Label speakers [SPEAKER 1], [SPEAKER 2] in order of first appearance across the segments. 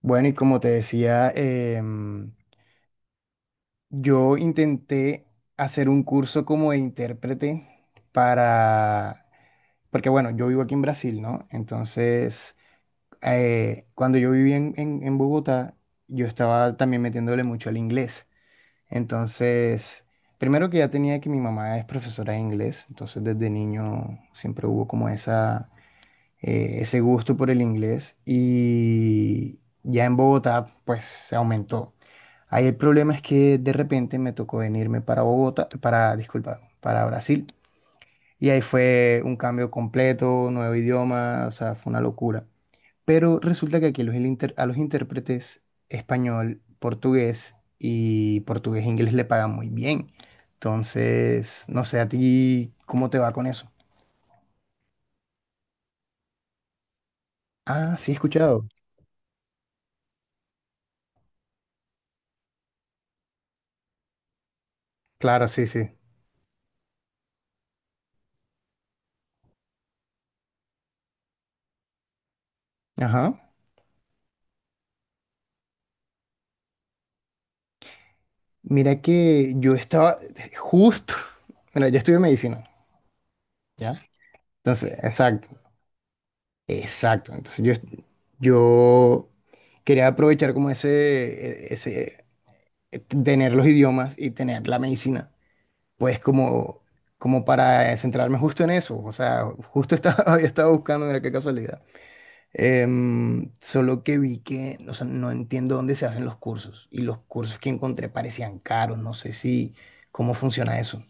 [SPEAKER 1] Bueno, y como te decía, yo intenté hacer un curso como de intérprete para, porque bueno, yo vivo aquí en Brasil, ¿no? Entonces, cuando yo vivía en Bogotá, yo estaba también metiéndole mucho al inglés. Entonces, primero que ya tenía que mi mamá es profesora de inglés, entonces desde niño siempre hubo como esa, ese gusto por el inglés y ya en Bogotá, pues se aumentó. Ahí el problema es que de repente me tocó venirme para Bogotá, para, disculpa, para Brasil. Y ahí fue un cambio completo, nuevo idioma, o sea, fue una locura. Pero resulta que aquí los inter- a los intérpretes español, portugués y portugués e inglés le pagan muy bien. Entonces, no sé a ti cómo te va con eso. Ah, sí, he escuchado. Claro, sí, sí. Ajá. Mira que yo estaba justo, mira, yo estudié medicina. ¿Ya? Entonces, exacto. Exacto. Entonces yo quería aprovechar como tener los idiomas y tener la medicina, pues como, como para centrarme justo en eso. O sea, justo estaba, había estado buscando, mira qué casualidad. Solo que vi que, o sea, no entiendo dónde se hacen los cursos y los cursos que encontré parecían caros. No sé si, cómo funciona eso.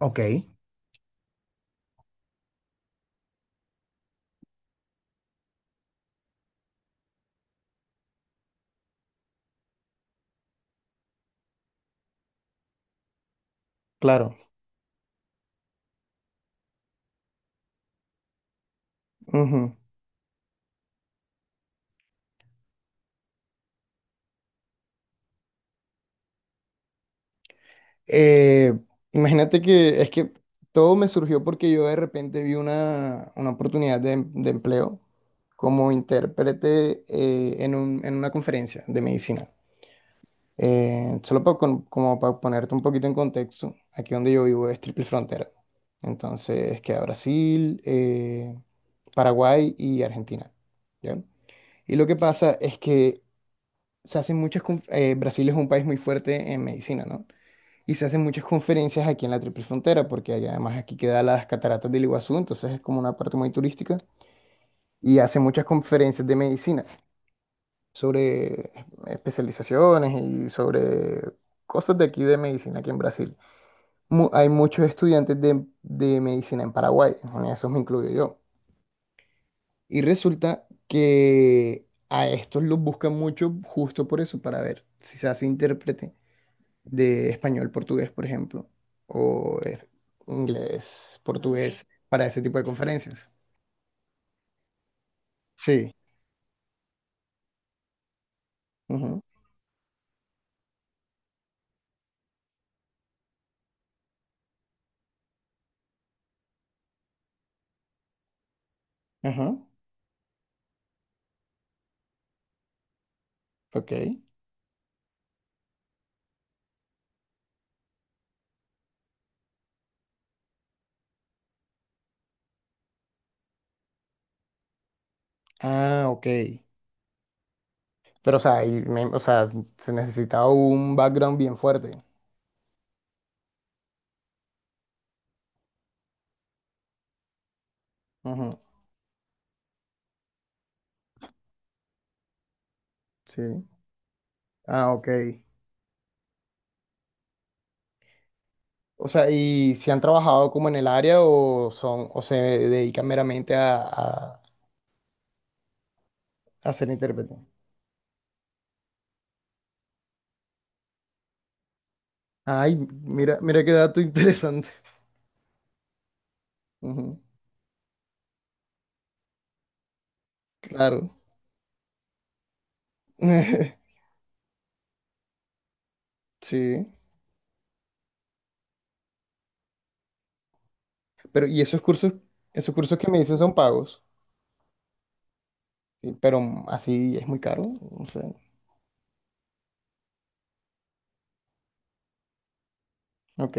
[SPEAKER 1] Ok, claro. Ujú. Eh, Imagínate que es que todo me surgió porque yo de repente vi una oportunidad de, de empleo como intérprete en en una conferencia de medicina. Solo como para ponerte un poquito en contexto, aquí donde yo vivo es triple frontera. Entonces queda Brasil, Paraguay y Argentina. ¿Ya? Y lo que pasa es que se hacen muchas... Brasil es un país muy fuerte en medicina, ¿no? Y se hacen muchas conferencias aquí en la Triple Frontera, porque además aquí queda las cataratas del Iguazú, entonces es como una parte muy turística. Y hacen muchas conferencias de medicina sobre especializaciones y sobre cosas de aquí de medicina, aquí en Brasil. Hay muchos estudiantes de medicina en Paraguay, en esos me incluyo yo. Y resulta que a estos los buscan mucho justo por eso, para ver si se hace intérprete de español, portugués, por ejemplo, o inglés, ok, portugués, para ese tipo de conferencias. Sí. Ujú, ajá. Ok. Ah, ok. Pero, o sea, o sea, se necesitaba un background bien fuerte. Ujú, sí. Ah, ok. O sea, ¿y si han trabajado como en el área o son, o se dedican meramente a ser intérprete? Ay, mira, mira qué dato interesante. Ujú, claro. Sí. Pero, ¿y esos cursos que me dices son pagos? Sí, pero así es muy caro, no sé. Ok,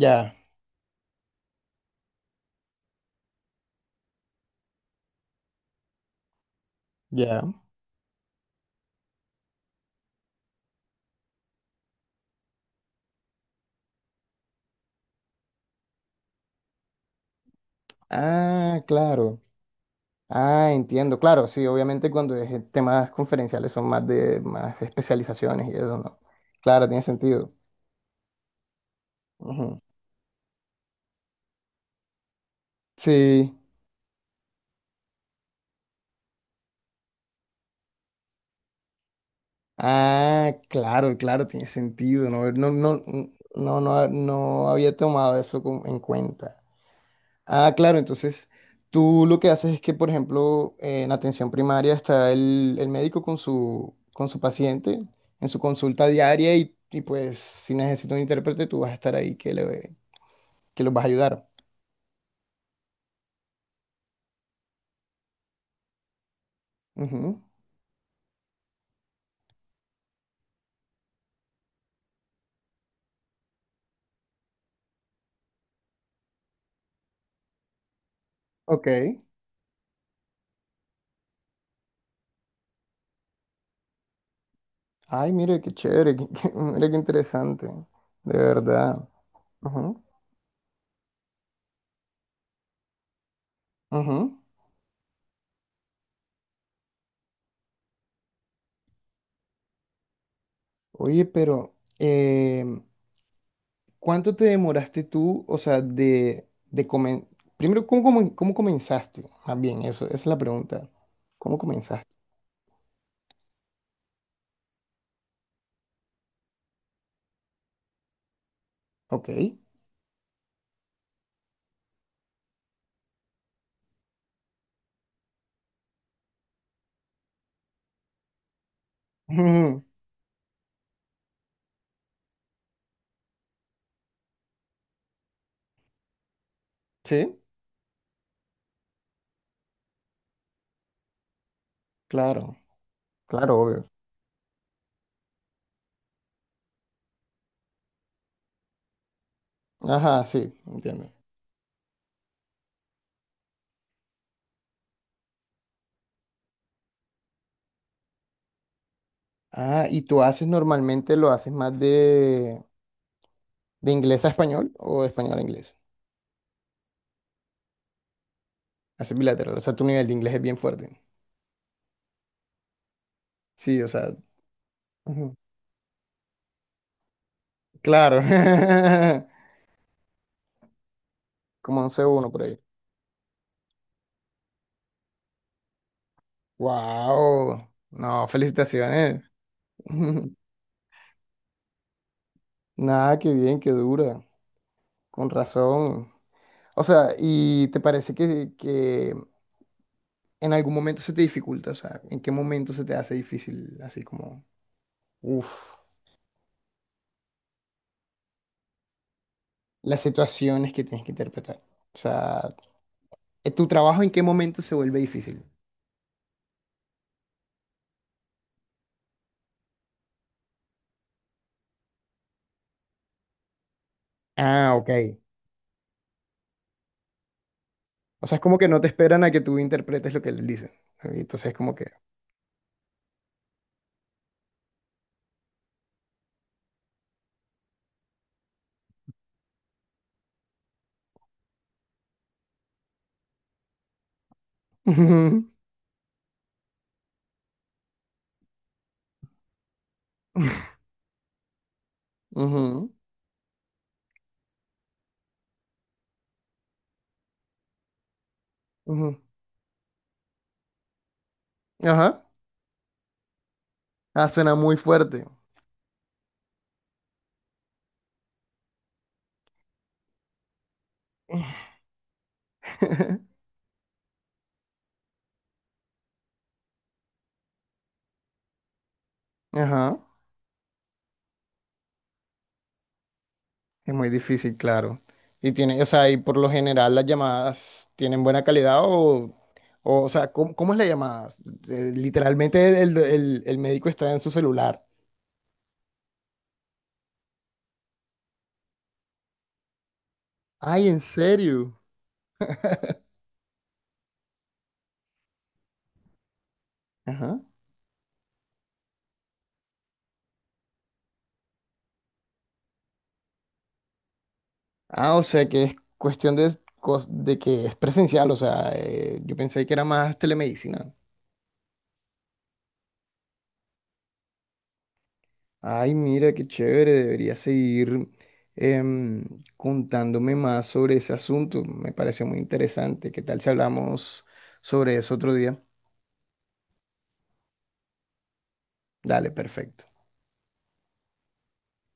[SPEAKER 1] ya, ya. Ah, claro. Ah, entiendo. Claro, sí, obviamente cuando es temas conferenciales son más de más especializaciones y eso, ¿no? Claro, tiene sentido. Ujú. Sí. Ah, claro, claro, tiene sentido. No, no, no, no, no, no había tomado eso en cuenta. Ah, claro, entonces tú lo que haces es que, por ejemplo, en atención primaria está el médico con su paciente en su consulta diaria y, pues si necesita un intérprete tú vas a estar ahí que, le, que los vas a ayudar. Ujú, ok. Ay, mire, qué chévere, mire qué interesante, de verdad. Ujú, ujú. Oye, pero em, ¿cuánto te demoraste tú, o sea, primero, ¿cómo, cómo comenzaste? Más bien, eso, esa es la pregunta. ¿Cómo comenzaste? Ok. Ujú. Sí, claro, claro, obvio. Ajá, sí, entiendo. Ah, ¿y tú haces normalmente, lo haces más de inglés a español o de español a inglés? Haces bilateral, o sea, tu nivel de inglés es bien fuerte. Sí, o sea, ujú. Claro. Como un C1 por ahí. Wow. No, felicitaciones. Nada, qué bien, qué dura. Con razón. O sea, ¿y te parece que en algún momento se te dificulta? O sea, ¿en qué momento se te hace difícil, así como, uff, las situaciones que tienes que interpretar? O sea, ¿tu trabajo en qué momento se vuelve difícil? Ah, ok. O sea, es como que no te esperan a que tú interpretes lo que les dicen. Entonces es como que... Ujú, ujú. Ujú. Ajá. Ah, suena muy fuerte. Ajá. Es muy difícil, claro. Y tiene, o sea, y por lo general las llamadas tienen buena calidad o sea, ¿cómo, cómo es la llamada? Literalmente el médico está en su celular. Ay, ¿en serio? Ajá. Ah, o sea, que es cuestión de, de que es presencial, o sea, yo pensé que era más telemedicina. Ay, mira, qué chévere, debería seguir em, contándome más sobre ese asunto. Me pareció muy interesante. ¿Qué tal si hablamos sobre eso otro día? Dale, perfecto.